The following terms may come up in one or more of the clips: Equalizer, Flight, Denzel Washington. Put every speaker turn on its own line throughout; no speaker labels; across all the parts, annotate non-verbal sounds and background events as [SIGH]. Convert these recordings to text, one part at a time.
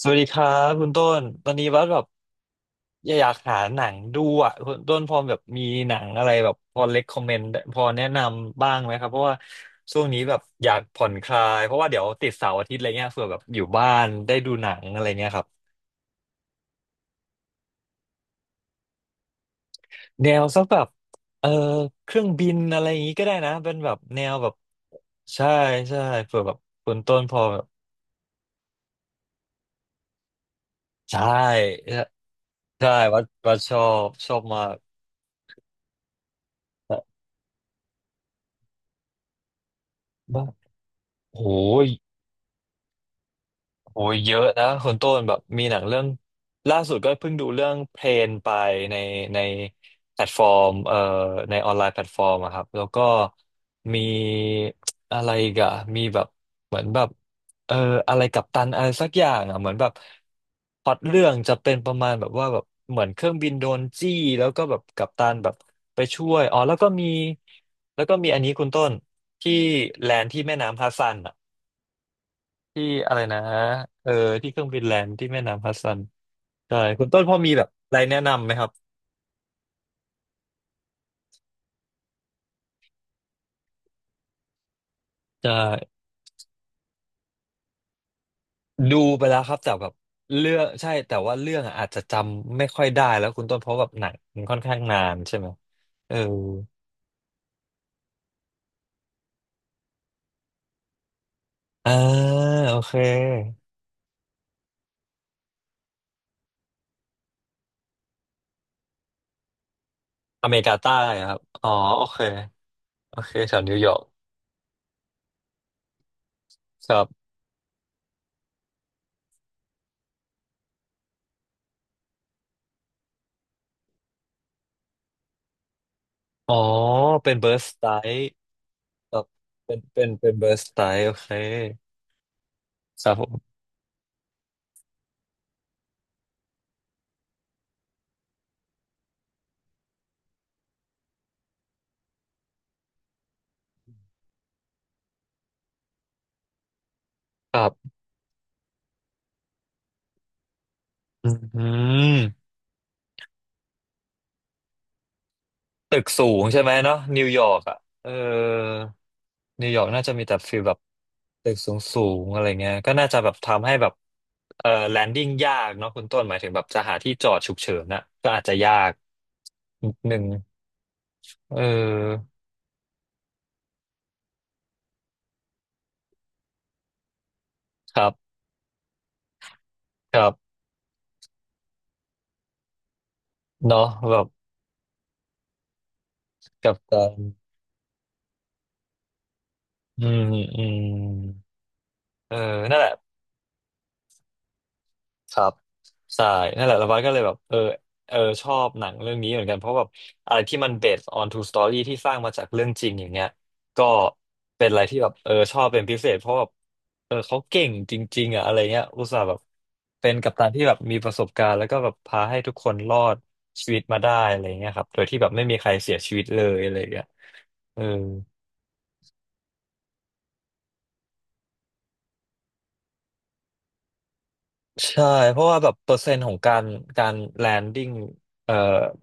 สวัสดีครับคุณต้น ตอนนี้ว่าแบบอยากหาหนังดูอ่ะคุณต้นพอแบบมีหนังอะไรแบบพอเ e ็กคอมเมนต์พอแนะนำบ้างไหมครับเพราะว่าช่วงนี้แบบอยากผ่อนคลายเพราะว่าเดี๋ยวติดเสาร์อาทิตย์อะไรเงี้ยเผื่อแบบอยู่บ้านได้ดูหนังอะไรเงี้ยครับแนวสักแบบเออเครื่องบินอะไรอย่างงี้ก็ได้นะเป็นแบบแนวแบบใช่ใช่เผื่อแบบคุณต้นพอแบบใช่ใช่ใช่ว่าว่าชอชอบมากโอ้าโห โอ้ยเยอะนะคุณต้นแบบมีหนังเรื่องล่าสุดก็เพิ่งดูเรื่องเพลนไปในในแพลตฟอร์มในออนไลน์แพลตฟอร์มอะครับแล้วก็มีอะไรอีกอะมีแบบเหมือนแบบเอ่ออะไรกัปตันอะไรสักอย่างอะเหมือนแบบพล็อตเรื่องจะเป็นประมาณแบบว่าแบบเหมือนเครื่องบินโดนจี้แล้วก็แบบกัปตันแบบไปช่วยอ๋อแล้วก็มีอันนี้คุณต้นที่แลนด์ที่แม่น้ำฮัดสซันอะ ที่อะไรนะเออที่เครื่องบินแลนด์ที่แม่น้ำฮัดสันใช่คุณต้นพอมีแบบอะไรแนะนำไหมครับจะดูไปแล้วครับแต่แบบเรื่องใช่แต่ว่าเรื่องอะอาจจะจำไม่ค่อยได้แล้วคุณต้นเพราะแบบหนังมันค่อนข้างนานใช่ไหมเอออ่าโอเคอเมริกาใต้อะครับอ๋อโอเคโอเคแถวนิวยอร์กครับอ๋อเป็นเบิร์สไตล์ครับเป็นเบิร์สไตล์โอเคครับผมครับอืม ตึกสูงใช่ไหมเนาะนิวยอร์กอ่ะเออนิวยอร์กน่าจะมีแต่ฟีลแบบตึกสูงสูงอะไรเงี้ยก็น่าจะแบบทำให้แบบแลนดิ้งยากเนาะคุณต้นหมายถึงแบบจะหาที่จอดฉุกเฉินน่ะก็อาจจะยากนิดนึงเออครับครับเนาะแบบกับการอืมอืมเออนั่นแหละ ครับใช่นั่นแหละแล้วบัสก็เลยแบบเออเออชอบหนังเรื่องนี้เหมือนกันเพราะแบบอะไรที่มัน based on true story ที่สร้างมาจากเรื่องจริงอย่างเงี้ยก็เป็นอะไรที่แบบเออชอบเป็นพิเศษเพราะแบบเออเขาเก่งจริงๆอ่ะอะไรเงี้ยอุตส่าห์แบบเป็นกัปตันที่แบบมีประสบการณ์แล้วก็แบบพาให้ทุกคนรอดชีวิตมาได้อะไรเงี้ยครับโดยที่แบบไม่มีใครเสียชีวิตเลยอะไรเงี้ยเออ ใช่เพราะว่าแบบเปอร์เซ็นต์ของการการแลนดิ้งเอ่อ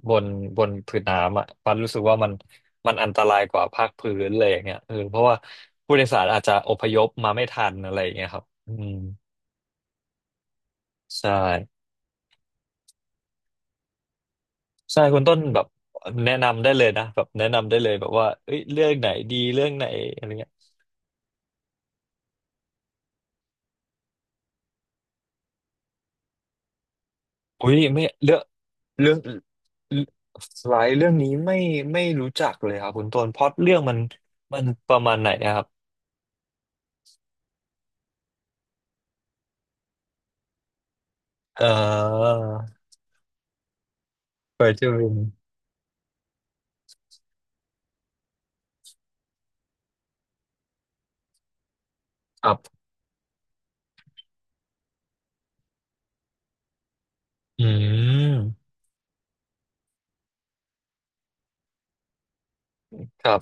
บนผืนน้ำอ่ะปันรู้สึกว่ามันอันตรายกว่าภาคพื้นเลยอย่างเงี้ยเออเพราะว่าผู้โดยสารอาจจะอพยพมาไม่ทันอะไรอย่างเงี้ยครับอืมใช่ใช่คุณต้นแบบแนะนำได้เลยนะแบบแนะนำได้เลยแบบว่าเอ้ยเรื่องไหนดีเรื่องไหนอะไรเงี้ยอุ้ยไม่เรือกเรื่องสไลด์เรื่องนี้ไม่รู้จักเลยครับคุณต้นพล็อตเรื่องมันประมาณไหนอะครับเออ เคยทีินครับอืมครับ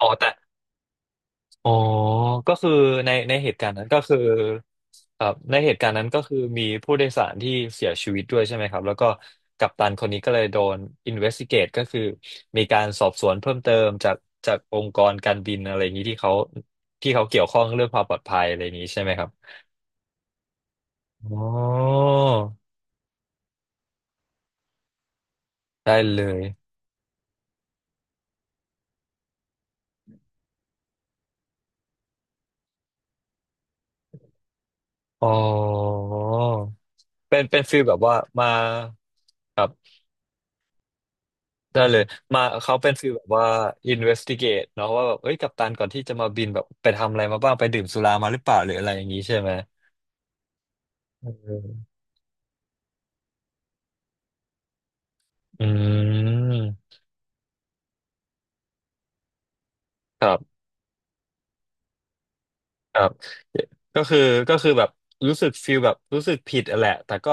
อ๋อแต่อ๋อก็คือในเหตุการณ์นั้นก็คือครับในเหตุการณ์นั้นก็คือมีผู้โดยสารที่เสียชีวิตด้วยใช่ไหมครับแล้วก็กัปตันคนนี้ก็เลยโดน investigate ก็คือมีการสอบสวนเพิ่มเติมจากองค์กรการบินอะไรอย่างนี้ที่เขาเกี่ยวข้องเรื่องความปลอดภัยอะไรอย่างนี้ใช่ไหมครับอ๋อได้เลยอ๋อเป็นฟีลแบบว่ามาครับ ได้เลยมาเขาเป็นฟีลแบบว่า investigate เนาะว่าแบบเอ้ยกัปตันก่อนที่จะมาบินแบบไปทำอะไรมาบ้างไปดื่มสุรามาหรือเปล่าหรืออะไรอย่างนี้ใช่ไหมเอออืมครับ ครับก็คือแบบรู้สึกฟีลแบบรู้สึกผิดอะแหละแต่ก็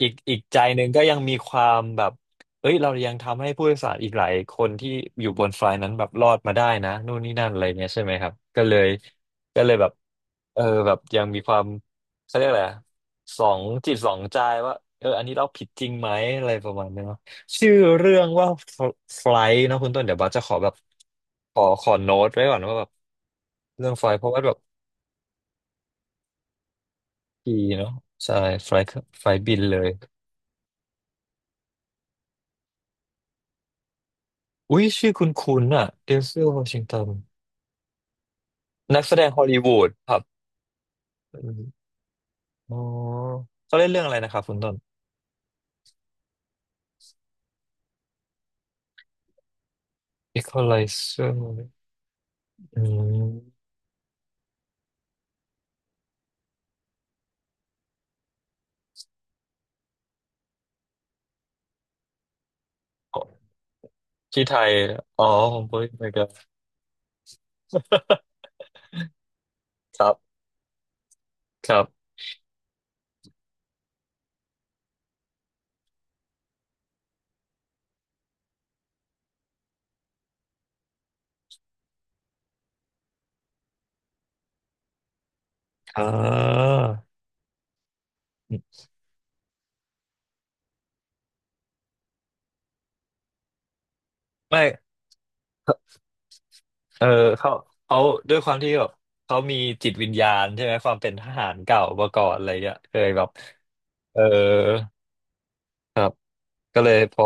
อีกใจหนึ่งก็ยังมีความแบบเอ้ยเรายังทำให้ผู้โดยสารอีกหลายคนที่อยู่บนไฟล์นั้นแบบรอดมาได้นะนู่นนี่นั่นอะไรเงี้ยใช่ไหมครับก็เลยแบบเออแบบยังมีความเขาเรียกอะไรอะสองจิตสองใจว่าเอออันนี้เราผิดจริงไหมอะไรประมาณนี้เนาะชื่อเรื่องว่าไฟล์เนาะคุณต้นเดี๋ยวบัสจะขอแบบขอโน้ตไว้ก่อนว่าแบบเรื่องไฟล์เพราะว่าแบบ ดีเนาะใช่ไฟล์ไฟล์บินเลยอุ้ยชื่อคุณคุณนๆอะเดนซิลวอชิงตันนักแสดงฮอลลีวูดครับอมอ๋อเขาเล่นเรื่องอะไรนะครับคุณต้น Equalizer อืมที่ไทยอ๋อผมพูดไม่ครับ [LAUGHS] ครับครับอ่าไม่เออเขาเขาด้วยความที่แบบเขามีจิตวิญญาณใช่ไหมความเป็นทหารเก่ามาก่อนอะไรเงี้ยเคยแบบเออครับก็เลยพอ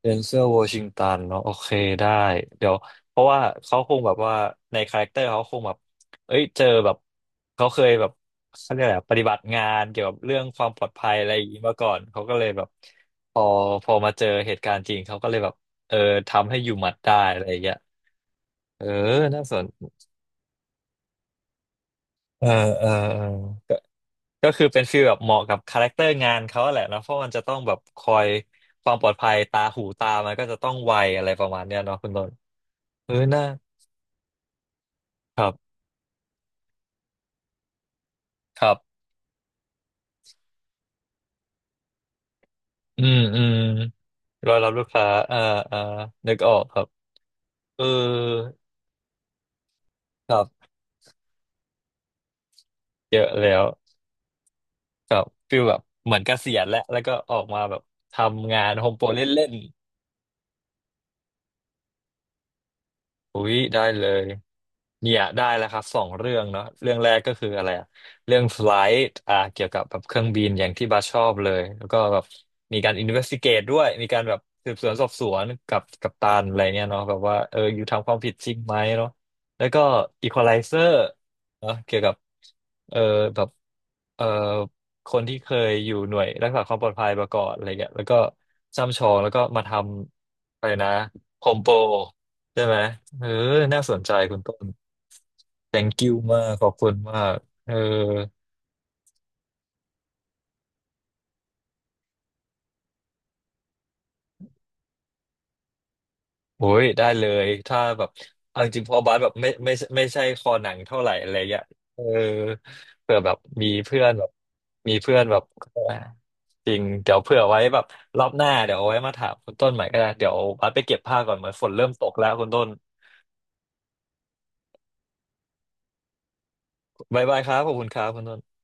เดนเซลวอชิงตันเนาะโอเคได้เดี๋ยวเพราะว่าเขาคงแบบว่าในคาแรคเตอร์เขาคงแบบเอ้ยเจอแบบเขาเคยแบบเขาเรียกอะไรอะปฏิบัติงานเกี่ยวกับเรื่องความปลอดภัยอะไรอย่างนี้มาก่อนเขาก็เลยแบบพอพอมาเจอเหตุการณ์จริงเขาก็เลยแบบเออทำให้อยู่หมัดได้อะไรอย่างเงี้ยเออน่าสนเออเออเออก็ก็คือเป็นฟีลแบบเหมาะกับคาแรคเตอร์งานเขาแหละนะเพราะมันจะต้องแบบคอยความปลอดภัยตาหูตามันก็จะต้องไวอะไรประมาณเนี้ยเนาะคุณต้นเออน่า ครับ ครับ อืมอืมรอรับลูกค้า อ่าอ่านึกออกครับเออครับเยอะแล้วครับฟีลแบบเหมือนเกษียณแล้วแล้วก็ออกมาแบบ ทำงานโฮมโปรเล่นๆ อุ๊ยได้เลยเนี่ยได้แล้วครับสองเรื่องเนาะเรื่องแรกก็คืออะไรอะเรื่องไฟลท์อ่าเกี่ยวกับแบบเครื่องบินอย่างที่บาสชอบเลยแล้วก็แบบมีการอินเวสติเกตด้วยมีการแบบสืบสวนสอบสวนกับกัปตันอะไรเนี่ยเนาะแบบว่าเอออยู่ทำความผิดจริงไหมเนาะแล้วก็อีควอไลเซอร์เนาะเกี่ยวกับเออแบบเออคนที่เคยอยู่หน่วยรักษาความปลอดภัยมาก่อนอะไรเงี้ยแล้วก็ช่ำชองแล้วก็มาทำอะไรนะโฮมโปร ใช่ไหมเออน่าสนใจคุณต้น thank you มากขอบคุณมากเออโอ้ยได้เลยถ้าแบบเอาจริงๆเพอบาสแบบไม่ใช่คอหนังเท่าไหร่อะไรเงี้ยเออเผื่อแบบมีเพื่อนแบบมีเพื่อนแบบจริงเดี๋ยวเผื่อไว้แบบรอบหน้าเดี๋ยวเอาไว้มาถามคุณต้นใหม่ก็ได้เดี๋ยวบาสไปเก็บผ้าก่อนเหมือนฝนเริ่มตกแล้วคุณต้นบ๊ายบายครับขอบคุณครับคุณต้น